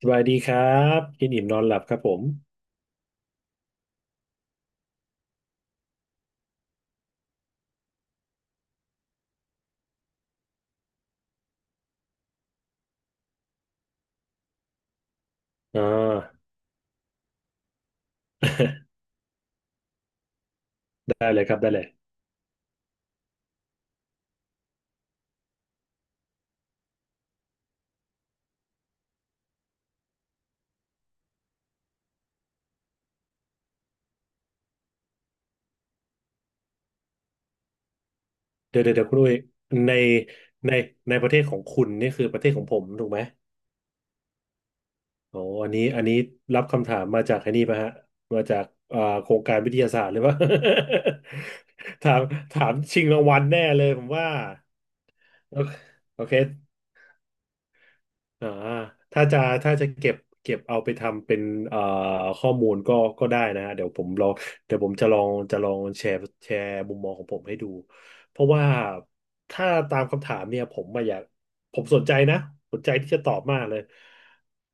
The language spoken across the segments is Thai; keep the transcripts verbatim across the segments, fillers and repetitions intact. สบายดีครับกินอิ่มนอนหลับครับผมอ่า ได้เลยครับได้เลยเดี๋ยวเดี๋ยวเดี๋ยวคุณอุ้ยในในในประเทศของคุณนี่คือประเทศของผมถูกไหมอ๋ออันนี้อันนี้รับคำถามมาจากไอ้นี่ป่ะฮะมาจากอ่าโครงการวิทยาศาสตร์หรือเปล่า ถามถามชิงรางวัลแน่เลยผมว่าโอเคโอเค อ่าถ้าจะถ้าจะเก็บเก็บเอาไปทำเป็นเอ่อข้อมูลก็ก็ได้นะฮะเดี๋ยวผมลองเดี๋ยวผมจะลองจะลองแชร์แชร์มุมมองของผมให้ดูเพราะว่าถ้าตามคำถามเนี่ยผมมาอยากผมสนใจนะสนใจที่จะตอบมากเลย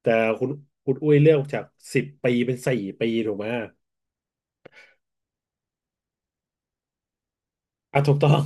แต่คุณคุณอุ้ยเลือกจากสิบปีเป็นสี่ปีถูกไหมอ่ะถูกต้อง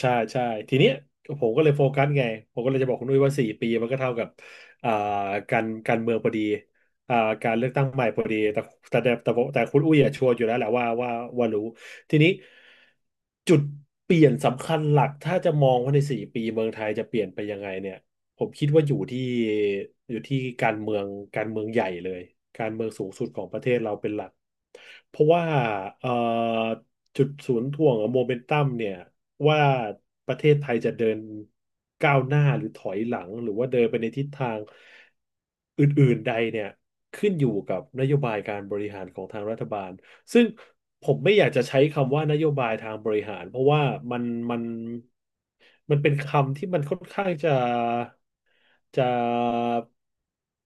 ใช่ใช่ทีเนี้ยผมก็เลยโฟกัสไงผมก็เลยจะบอกคุณนุ้ยว่าสี่ปีมันก็เท่ากับอ่าการการเมืองพอดีอ่าการเลือกตั้งใหม่พอดีแต่แต่แต่แต่แต่คุณอุ้ยอะชัวร์อยู่แล้วแหละว่าว่าว่ารู้ทีนี้จุดเปลี่ยนสำคัญหลักถ้าจะมองว่าในสี่ปีเมืองไทยจะเปลี่ยนไปยังไงเนี่ยผมคิดว่าอยู่ที่อยู่ที่การเมืองการเมืองใหญ่เลยการเมืองสูงสุดของประเทศเราเป็นหลักเพราะว่าเอ่อจุดศูนย์ถ่วงโมเมนตัมเนี่ย ว่าประเทศไทยจะเดินก้าวหน้าหรือถอยหลังหรือว่าเดินไปในทิศทางอื่นๆใดเนี่ยขึ้นอยู่กับนโยบายการบริหารของทางรัฐบาล ซึ่งผมไม่อยากจะใช้คำว่านโยบายทางบริหารเพราะว่ามันมันมันเป็นคำที่มันค่อนข้างจะจะ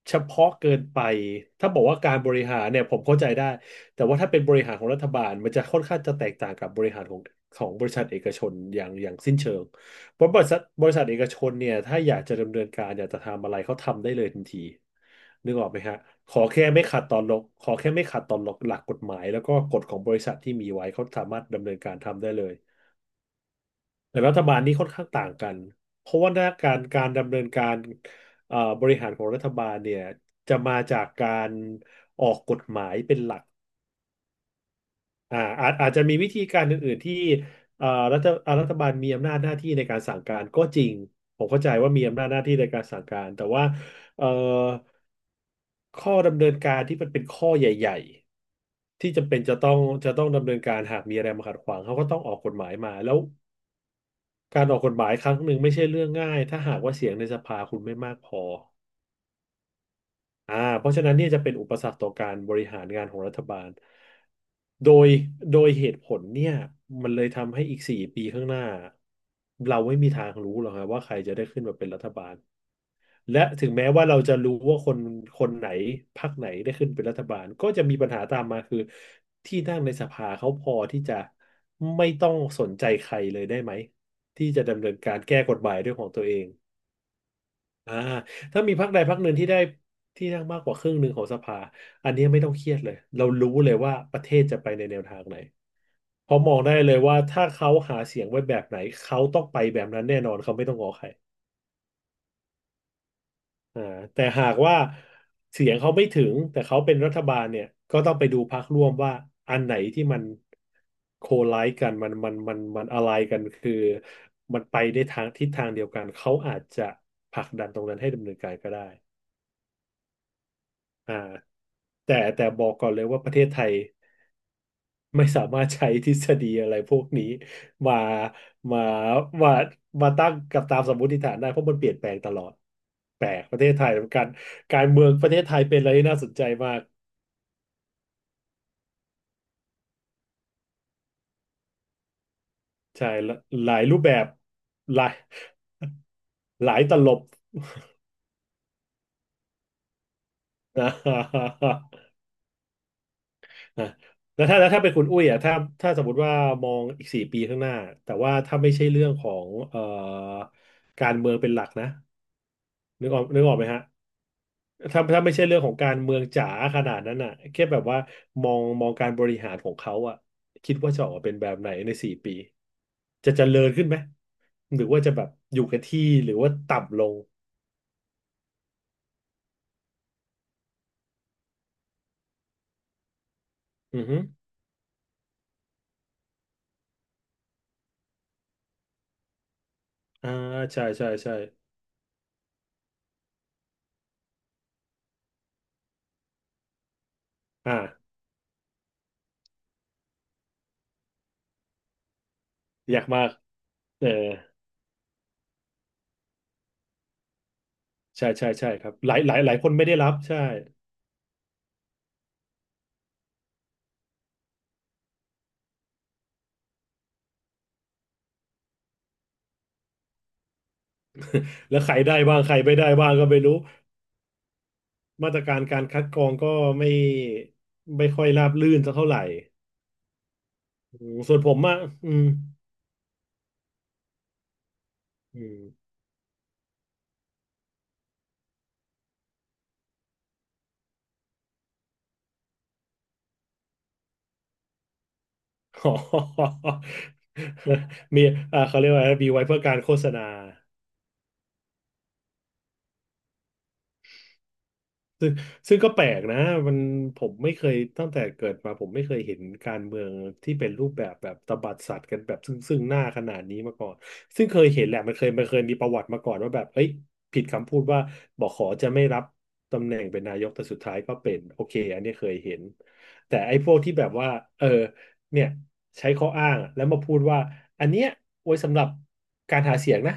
เฉพาะเกินไปถ้าบอกว่าการบริหารเนี่ยผมเข้าใจได้แต่ว่าถ้าเป็นบริหารของรัฐบาลมันจะค่อนข้างจะแตกต่างกับบริหารของของบริษัทเอกชนอย่างอย่างสิ้นเชิง เพราะบริษัทบริษัทเอกชนเนี่ยถ้าอยากจะดำเนินการอยากจะทำอะไรเขาทำได้เลยทันทีนึกออกไหมฮะขอแค่ไม่ขัดต่อหลักขอแค่ไม่ขัดต่อหลักหลักกฎหมายแล้วก็กฎของบริษัทที่มีไว้เขาสามารถดำเนินการทำได้เลยแต่รัฐบาลนี่ค่อนข้างต่างกันเพราะว่าหน้าการการดำเนินการเอ่อบริหารของรัฐบาลเนี่ยจะมาจากการออกกฎหมายเป็นหลัก อ่าอาจอาจจะมีวิธีการอื่นๆที่เอ่อรัฐอ่ารัฐบาลมีอำนาจหน้าที่ในการสั่งการก็จริงผมเข้าใจว่ามีอำนาจหน้าที่ในการสั่งการแต่ว่าเอ่อข้อดำเนินการที่มันเป็นข้อใหญ่ๆที่จำเป็นจะต้องจะต้องดำเนินการหากมีอะไรมาขัดขวางเขาก็ต้องออกกฎหมายมาแล้วการออกกฎหมายครั้งหนึ่งไม่ใช่เรื่องง่ายถ้าหากว่าเสียงในสภาคุณไม่มากพอ อ่าเพราะฉะนั้นเนี่ยจะเป็นอุปสรรคต่อการบริหารงานของรัฐบาลโดยโดยเหตุผลเนี่ยมันเลยทำให้อีกสี่ปีข้างหน้าเราไม่มีทางรู้หรอกครับว่าใครจะได้ขึ้นมาเป็นรัฐบาลและถึงแม้ว่าเราจะรู้ว่าคนคนไหนพรรคไหนได้ขึ้นเป็นรัฐบาลก็จะมีปัญหาตามมาคือที่นั่งในสภาเขาพอที่จะไม่ต้องสนใจใครเลยได้ไหมที่จะดำเนินการแก้กฎหมายด้วยของตัวเอง อ่าถ้ามีพรรคใดพรรคหนึ่งที่ได้ที่นั่งมากกว่าครึ่งหนึ่งของสภาอันนี้ไม่ต้องเครียดเลยเรารู้เลยว่าประเทศจะไปในแนวทางไหนเพราะมองได้เลยว่าถ้าเขาหาเสียงไว้แบบไหนเขาต้องไปแบบนั้นแน่นอนเขาไม่ต้องงอใครอ่าแต่หากว่าเสียงเขาไม่ถึงแต่เขาเป็นรัฐบาลเนี่ยก็ต้องไปดูพรรคร่วมว่าอันไหนที่มันโคไลซ์กันมันมันมันมันอะไรกันคือมันไปในทางทิศทางเดียวกันเขาอาจจะผลักดันตรงนั้นให้ดำเนินการก็ได้ อ่าแต่แต่บอกก่อนเลยว่าประเทศไทยไม่สามารถใช้ทฤษฎีอะไรพวกนี้มามามามาตั้งกับตามสมมติฐานได้เพราะมันเปลี่ยนแปลงตลอดแปลกประเทศไทยการการเมืองประเทศไทยเป็นอะไรที่น่าสนใจมากใช่หลหลายรูปแบบหลาย หลายตลบนะ นะแล้วถ้าแล้วถ้าเป็นคุณอุ้ยอ่ะถ้าถ้าสมมติว่ามองอีกสี่ปีข้างหน้าแต่ว่าถ้าไม่ใช่เรื่องของเอ่อการเมืองเป็นหลักนะ นึกออกนึกออกไหมฮะถ้าถ้าไม่ใช่เรื่องของการเมืองจ๋าขนาดนั้นอ่ะแค่แบบว่ามองมองการบริหารของเขาอ่ะคิดว่าจะออกมาเป็นแบบไหนในสี่ปีจะเจริญขึ้นไหม หรือว่าจะแบบอยู่กับที่หรือว่าต่ำลงอือฮึอ่าใช่ใช่ใช่อ่าอยากมากเออใช่ใช่ใช่ครับหลายหลายหลายคนไม่ได้รับใช่ แล้วใครได้บ้างใครไม่ได้บ้างก็ไม่รู้ มาตรการการคัดกรองก็ไม่ไม่ค่อยราบรื่นสักเท่าไหร่อืมส่วนผมอะอืม อืม อ๋อมีอ่าเขาเรียกว่ามีไว้เพื่อการโฆษณา ซึ่งก็แปลกนะมันผมไม่เคยตั้งแต่เกิดมาผมไม่เคยเห็นการเมืองที่เป็นรูปแบบแบบตบัดสัตว์กันแบบซึ่งซึ่งหน้าขนาดนี้มาก่อนซึ่งเคยเห็นแหละมันเคยมันเคยมีประวัติมาก่อนว่าแบบเอ้ยผิดคำพูดว่าบอกขอจะไม่รับตำแหน่งเป็นนายกแต่สุดท้ายก็เป็นโอเคอันนี้เคยเห็นแต่ไอ้พวกที่แบบว่าเออเนี่ยใช้ข้ออ้างอะแล้วมาพูดว่าอันเนี้ยไว้สำหรับการหาเสียงนะ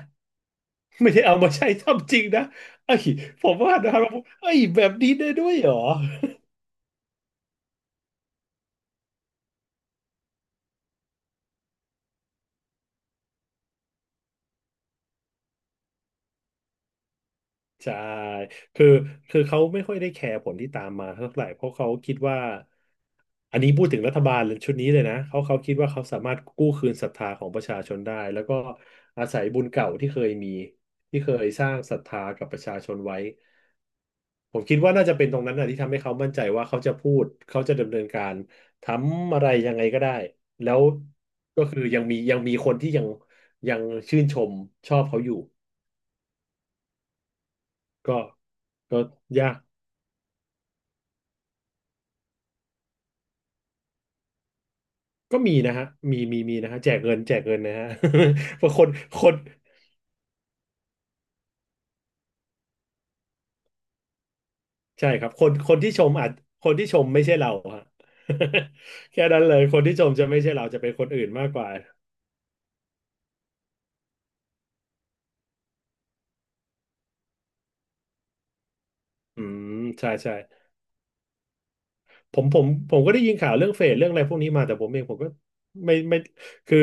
ไม่ได้เอามาใช้ ทำจริงนะ เอ้ยผมว่านะครับว่าเอ้ยแบบนี้ได้ด้วยเหรอใช่คือคือเขาไม่ค่อยได้แคร์ผลที่ตามมาเท่าไหร่เพราะเขาคิดว่าอันนี้พูดถึงรัฐบาลชุดนี้เลยนะเขาเขาคิดว่าเขาสามารถกู้คืนศรัทธาของประชาชนได้แล้วก็อาศัยบุญเก่าที่เคยมีที่เคยสร้างศรัทธากับประชาชนไว้ผมคิดว่าน่าจะเป็นตรงนั้นนะที่ทำให้เขามั่นใจว่าเขาจะพูดเขาจะดำเนินการทำอะไรยังไงก็ได้แล้วก็คือยังมียังมีคนที่ยังยังชื่นชมชอบเขาอยู่ ก็ก็ยากก็มีนะฮะมีมีมีนะฮะแจกเงินแจกเงินนะฮะ เพราะคนคนใช่ครับคนคนที่ชมอาจคนที่ชมไม่ใช่เราฮะ แค่นั้นเลยคนที่ชมจะไม่ใช่เราจะเป็นคนอื่นมากกว่าอืมใช่ใช่ผมผมผมก็ได้ยินข่าวเรื่องเฟดเรื่องอะไรพวกนี้มาแต่ผมเองผมก็ไม่ไม่คือ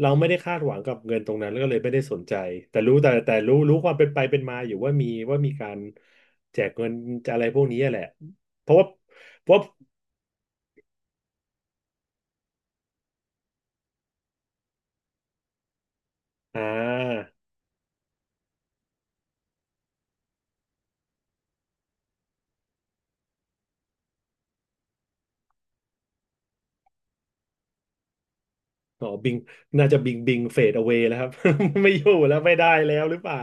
เราไม่ได้คาดหวังกับเงินตรงนั้นแล้วก็เลยไม่ได้สนใจแต่รู้แต่แต่รู้รู้ความเป็นไปเป็นมาอยู่ว่ามีว่ามีการแจกเงินอะไรพวกนี้แหละเพราะว่าเพราะ อ่าอ๋อบิงน่าจะบิงบิงเฟดเอา a ว y แล้วครับ ไม่อยู่แล้วไม่ได้แล้วหรือเปล่า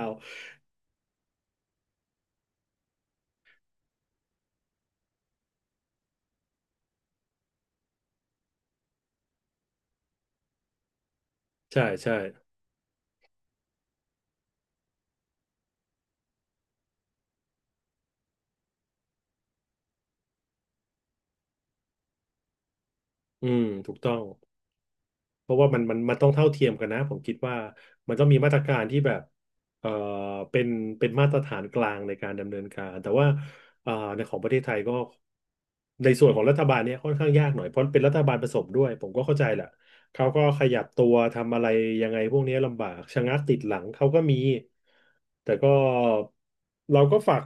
ใช่ใช่อืมถูกต้อง เพราะว่ามันมันมันต้องเท่าเทียมกันนะผมคิดว่ามันต้องมีมาตรการที่แบบเอ่อเป็นเป็นมาตรฐานกลางในการดำเนินการแต่ว่าเอ่อในของประเทศไทยก็ในส่วนของรัฐบาลเนี่ยค่อนข้างยากหน่อยเพราะเป็นรัฐบาลผสมด้วยผมก็เข้าใจแหละเขาก็ขยับตัวทำอะไรยังไงพวกนี้ลำบากชะงักติดหลังเขาก็มีแต่ก็เราก็ฝาก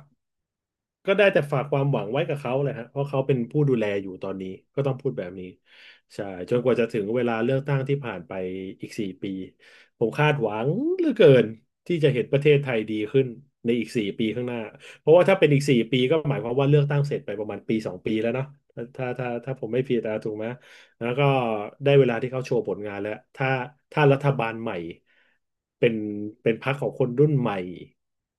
ก็ได้แต่ฝากความหวังไว้กับเขาแหละฮะเพราะเขาเป็นผู้ดูแลอยู่ตอนนี้ก็ต้องพูดแบบนี้ ใช่จนกว่าจะถึงเวลาเลือกตั้งที่ผ่านไปอีกสี่ปีผมคาดหวังเหลือเกินที่จะเห็นประเทศไทยดีขึ้นในอีกสี่ปีข้างหน้าเพราะว่าถ้าเป็นอีกสี่ปีก็หมายความว่าเลือกตั้งเสร็จไปประมาณปีสองปีแล้วเนาะถ้าถ้าถ้าผมไม่ผิดนะถูกไหมแล้วก็ได้เวลาที่เขาโชว์ผลงานแล้วถ้าถ้ารัฐบาลใหม่เป็นเป็นพรรคของคนรุ่นใหม่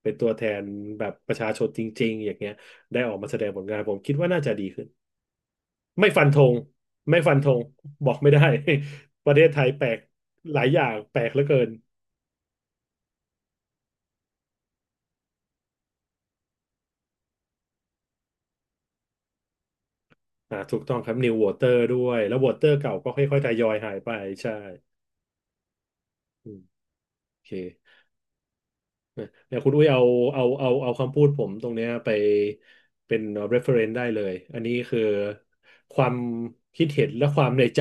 เป็นตัวแทนแบบประชาชนจริงๆอย่างเงี้ยได้ออกมาแสดงผลงานผมคิดว่าน่าจะดีขึ้น ไม่ฟันธงไม่ฟันธงบอกไม่ได้ ประเทศไทยแปลกหลายอย่างแปลกเหลือเกินอ่าถูกต้องครับนิววอเตอร์ด้วยแล้ววอเตอร์เก่าก็ค่อยๆทยอยหายไปใช่อืมโอเค นะเดี๋ยวคุณอุ้ยเอาเอาเอาเอาคำพูดผมตรงเนี้ยไปเป็น reference ได้เลยอันนี้คือความคิดเห็นและความในใจ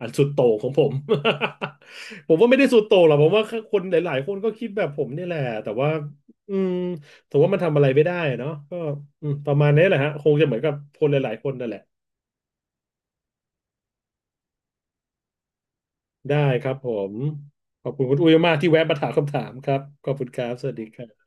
อันสุดโต่งของผม ผมว่าไม่ได้สุดโต่งหรอกผมว่าคนหลายๆคนก็คิดแบบผมเนี่ยแหละแต่ว่าอืมแต่ว่ามันทำอะไรไม่ได้เนาะก็อืมประมาณนี้แหละฮะคงจะเหมือนกับคนหลายๆคนนั่นแหละได้ครับผมขอบคุณคุณอุ้ยมากที่แวะมาถามคำถามครับขอบคุณครับสวัสดีครับ